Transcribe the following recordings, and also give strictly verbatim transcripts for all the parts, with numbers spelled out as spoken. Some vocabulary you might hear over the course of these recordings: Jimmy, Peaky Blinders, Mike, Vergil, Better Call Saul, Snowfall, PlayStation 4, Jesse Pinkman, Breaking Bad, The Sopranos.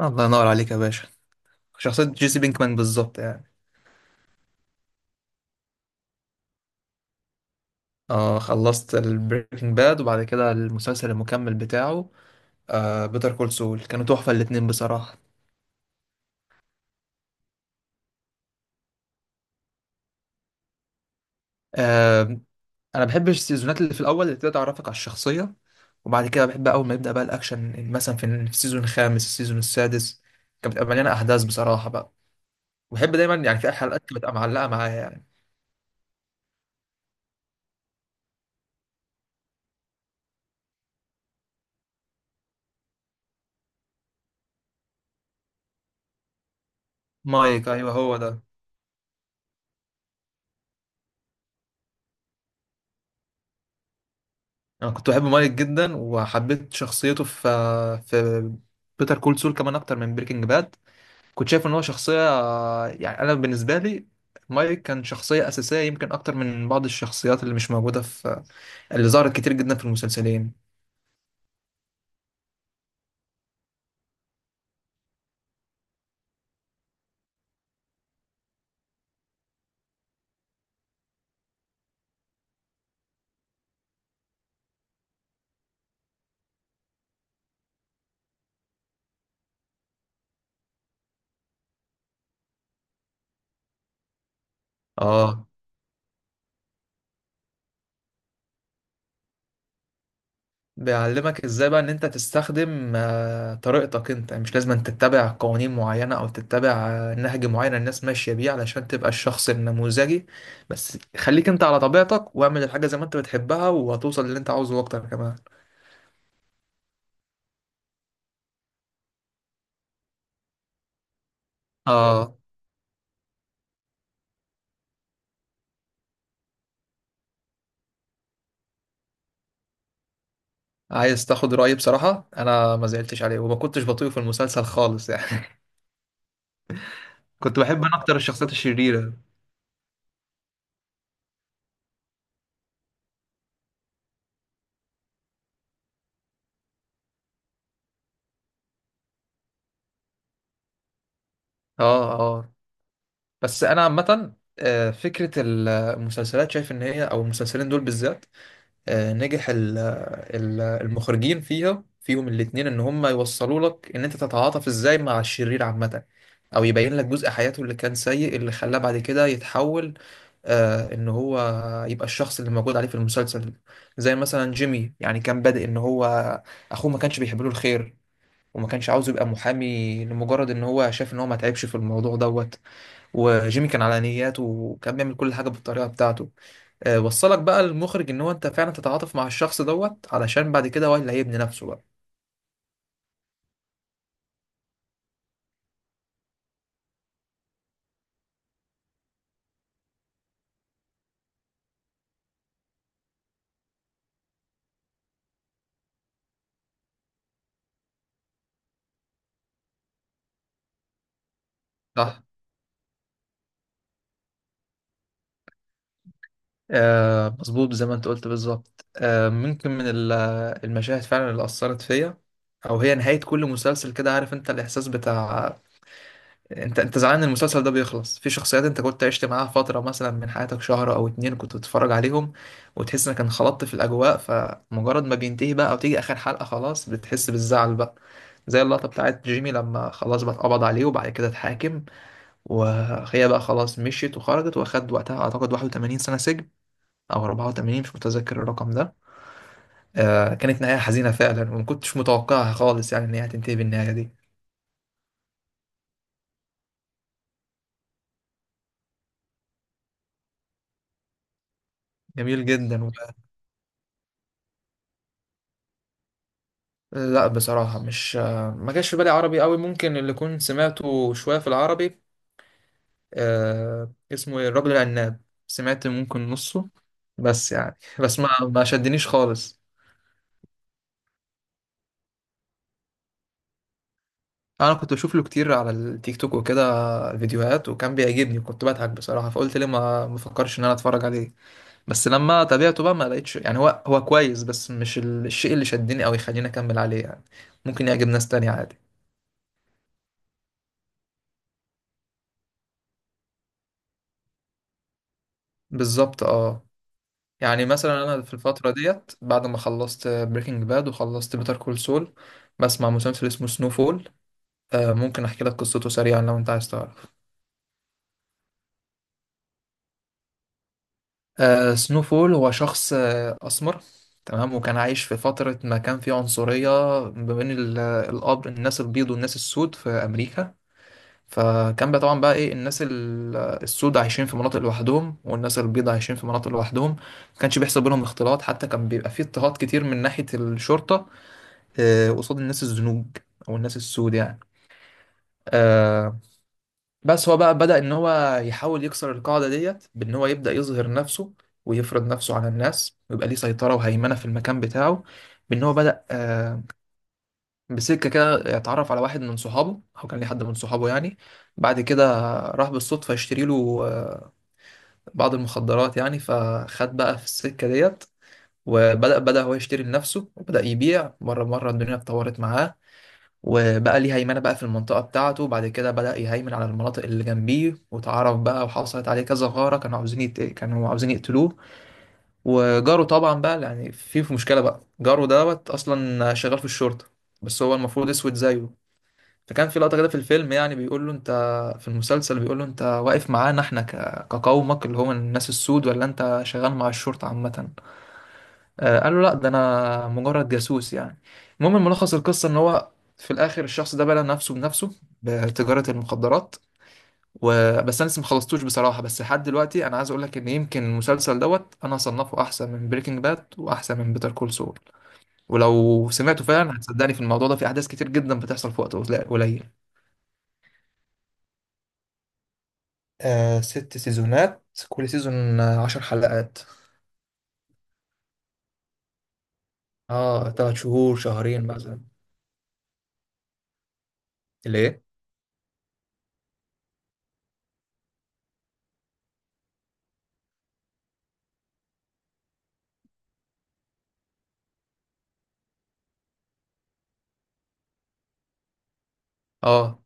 الله ينور عليك يا باشا. شخصية جيسي بينكمان بالظبط يعني. آه، خلصت البريكنج باد وبعد كده المسلسل المكمل بتاعه. آه، بيتر كول سول كانوا تحفة الاتنين بصراحة. آه، أنا بحب السيزونات اللي في الأول اللي بتبدأ تعرفك على الشخصية، وبعد كده بحب أول ما يبدأ بقى الأكشن مثلا في السيزون الخامس السيزون السادس. كانت بتبقى مليانة أحداث بصراحة بقى. وبحب دايما يعني في حلقات بتبقى معلقة معايا يعني. مايك أيوه هو ده. انا كنت بحب مايك جدا وحبيت شخصيته في في بيتر كول سول كمان اكتر من بريكنج باد. كنت شايف ان هو شخصيه، يعني انا بالنسبه لي مايك كان شخصيه اساسيه يمكن اكتر من بعض الشخصيات اللي مش موجوده في اللي ظهرت كتير جدا في المسلسلين. اه، بيعلمك ازاي بقى ان انت تستخدم آه، طريقتك انت، يعني مش لازم أن تتبع قوانين معينة او تتبع آه، نهج معين الناس ماشية بيه علشان تبقى الشخص النموذجي. بس خليك انت على طبيعتك واعمل الحاجة زي ما انت بتحبها وهتوصل للي انت عاوزه اكتر كمان. اه، عايز تاخد رأيي بصراحة، انا ما زعلتش عليه وما كنتش بطيء في المسلسل خالص يعني. كنت بحب انا اكتر الشخصيات الشريرة. اه، اه، بس انا عامة آه، فكرة المسلسلات شايف ان هي او المسلسلين دول بالذات آه، نجح ال- ال- المخرجين فيها فيهم الاتنين ان هم يوصلوا لك ان انت تتعاطف ازاي مع الشرير عامة، او يبين لك جزء حياته اللي كان سيء اللي خلاه بعد كده يتحول، آه، ان هو يبقى الشخص اللي موجود عليه في المسلسل. زي مثلا جيمي يعني كان بادئ ان هو اخوه ما كانش بيحب له الخير، وما كانش عاوز يبقى محامي لمجرد ان هو شاف ان هو ما تعبش في الموضوع دوت. وجيمي كان على نياته وكان بيعمل كل حاجة بالطريقة بتاعته. آه، وصلك بقى المخرج ان هو انت فعلا تتعاطف مع الشخص دوت علشان بعد كده هو اللي هيبني نفسه بقى. صح، آه مظبوط زي ما انت قلت بالظبط. آه ممكن من ال- المشاهد فعلا اللي اثرت فيا، او هي نهاية كل مسلسل كده، عارف انت الاحساس بتاع انت انت زعلان ان المسلسل ده بيخلص في شخصيات انت كنت عشت معاها فترة مثلا من حياتك شهر او اتنين كنت بتتفرج عليهم، وتحس انك انخلطت في الاجواء. فمجرد ما بينتهي بقى او تيجي اخر حلقة خلاص بتحس بالزعل بقى. زي اللقطة بتاعت جيمي لما خلاص بقى اتقبض عليه وبعد كده اتحاكم، وهي بقى خلاص مشيت وخرجت واخد وقتها اعتقد واحد وتمانين سنة سجن، او اربعة وتمانين، مش متذكر الرقم ده. آه كانت نهاية حزينة فعلا وما كنتش متوقعها خالص يعني ان هي هتنتهي بالنهاية دي. جميل جدا. لا بصراحة مش، ما جاش في بالي عربي قوي، ممكن اللي كنت سمعته شوية في العربي آه اسمه ايه الرجل العناب. سمعت ممكن نصه، بس يعني بس ما ما شدنيش خالص. انا كنت بشوف له كتير على التيك توك وكده فيديوهات، وكان بيعجبني كنت بضحك بصراحة، فقلت ليه ما ما فكرش ان انا اتفرج عليه. بس لما تابعته بقى ما لقيتش، يعني هو هو كويس بس مش الشيء اللي شدني او يخليني اكمل عليه يعني. ممكن يعجب ناس تانية عادي. بالظبط اه. يعني مثلا انا في الفتره ديت بعد ما خلصت بريكنج باد وخلصت بيتر كول سول بسمع مسلسل اسمه سنو فول. آه، ممكن احكي لك قصته سريعا لو انت عايز تعرف. آه سنو فول هو شخص آه اسمر. تمام، وكان عايش في فتره ما كان فيه عنصريه ما بين ال- الاب الناس البيض والناس السود في امريكا. فكان بقى طبعا بقى ايه الناس ال- السود عايشين في مناطق لوحدهم والناس البيض عايشين في مناطق لوحدهم. ما كانش بيحصل بينهم اختلاط، حتى كان بيبقى فيه اضطهاد كتير من ناحيه الشرطه، آه، قصاد الناس الزنوج او الناس السود يعني. آه، بس هو بقى بدأ ان هو يحاول يكسر القاعدة ديت بان هو يبدأ يظهر نفسه ويفرض نفسه على الناس ويبقى ليه سيطرة وهيمنة في المكان بتاعه. بان هو بدأ آه، بسكة كده يتعرف على واحد من صحابه او كان ليه حد من صحابه يعني. بعد كده راح بالصدفة يشتري له آه، بعض المخدرات يعني، فخد بقى في السكة ديت. وبدأ بدأ هو يشتري لنفسه، وبدأ يبيع مرة مرة الدنيا اتطورت معاه. وبقى ليه هيمنة بقى في المنطقة بتاعته. بعد كده بدأ يهيمن على المناطق اللي جنبيه، واتعرف بقى وحصلت عليه كذا غارة، كانوا عاوزين يت... كانوا عاوزين يقتلوه. وجاره طبعا بقى يعني في في مشكلة بقى، جاره دوت أصلا شغال في الشرطة بس هو المفروض أسود زيه. فكان في لقطة كده في الفيلم يعني بيقول له أنت في المسلسل بيقول له أنت واقف معانا إحنا ك... كقومك اللي هم الناس السود، ولا أنت شغال مع الشرطة عامة. آه، قال له لا، ده انا مجرد جاسوس يعني. المهم ملخص القصه ان هو في الاخر الشخص ده بلى نفسه بنفسه بتجاره المخدرات. وبس انا لسه مخلصتوش بصراحه، بس لحد دلوقتي انا عايز اقول لك ان يمكن المسلسل دوت انا هصنفه احسن من بريكنج باد واحسن من بيتر كول سول. ولو سمعته فعلا هتصدقني في الموضوع ده، في احداث كتير جدا بتحصل في وقت قليل قليل. آه ست سيزونات، كل سيزون آه، عشر حلقات. اه تلات شهور شهرين مثلا. ليه؟ اه،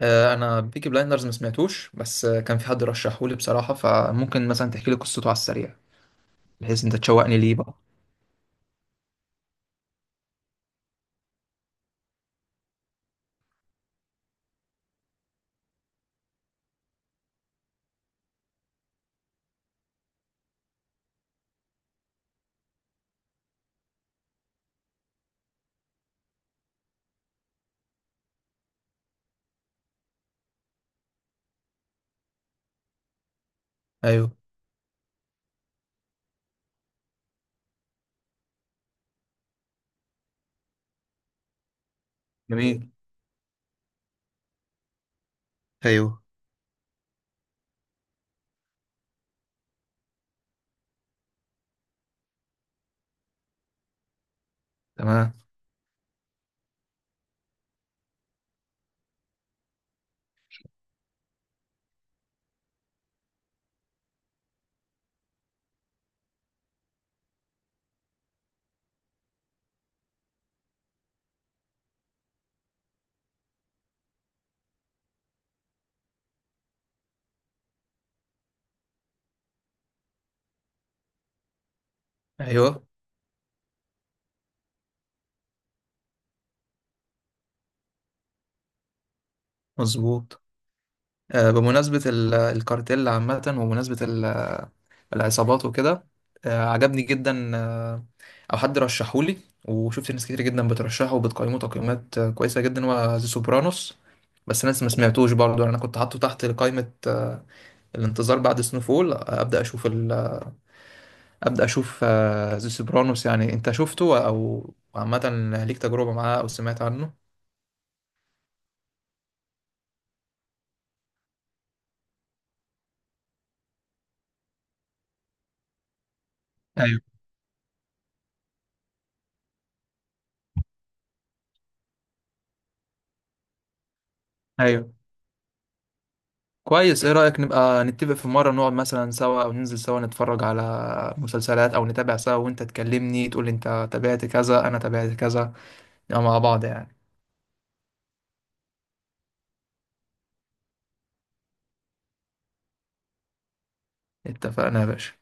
آه، انا بيكي بلايندرز ما سمعتوش، بس آه، كان في حد رشحه لي بصراحه، فممكن مثلا تحكي لي قصته على السريع بحيث انت تشوقني ليه بقى. ايوه جميل. ايوه تمام. ايوه مظبوط. آه، بمناسبه ال- الكارتيل عامه ومناسبه ال- العصابات وكده، آه، عجبني جدا آه، او حد رشحه لي، وشفت ناس كتير جدا بترشحه وبتقيمه تقييمات آه، كويسه جدا، هو ذا سوبرانوس. بس انا لسه ما سمعتوش برضه يعني، انا كنت حاطه تحت قائمه آه، الانتظار بعد سنوفول، آه، ابدا اشوف ابدا اشوف ذا سوبرانوس، يعني انت شفته او عامه ليك تجربه معاه او سمعت عنه؟ ايوه. ايوه كويس. ايه رايك نبقى نتفق في مره نقعد مثلا سوا او ننزل سوا نتفرج على مسلسلات، او نتابع سوا وانت تكلمني تقول لي انت تابعت كذا انا تابعت كذا، نبقى مع بعض يعني. اتفقنا يا باشا.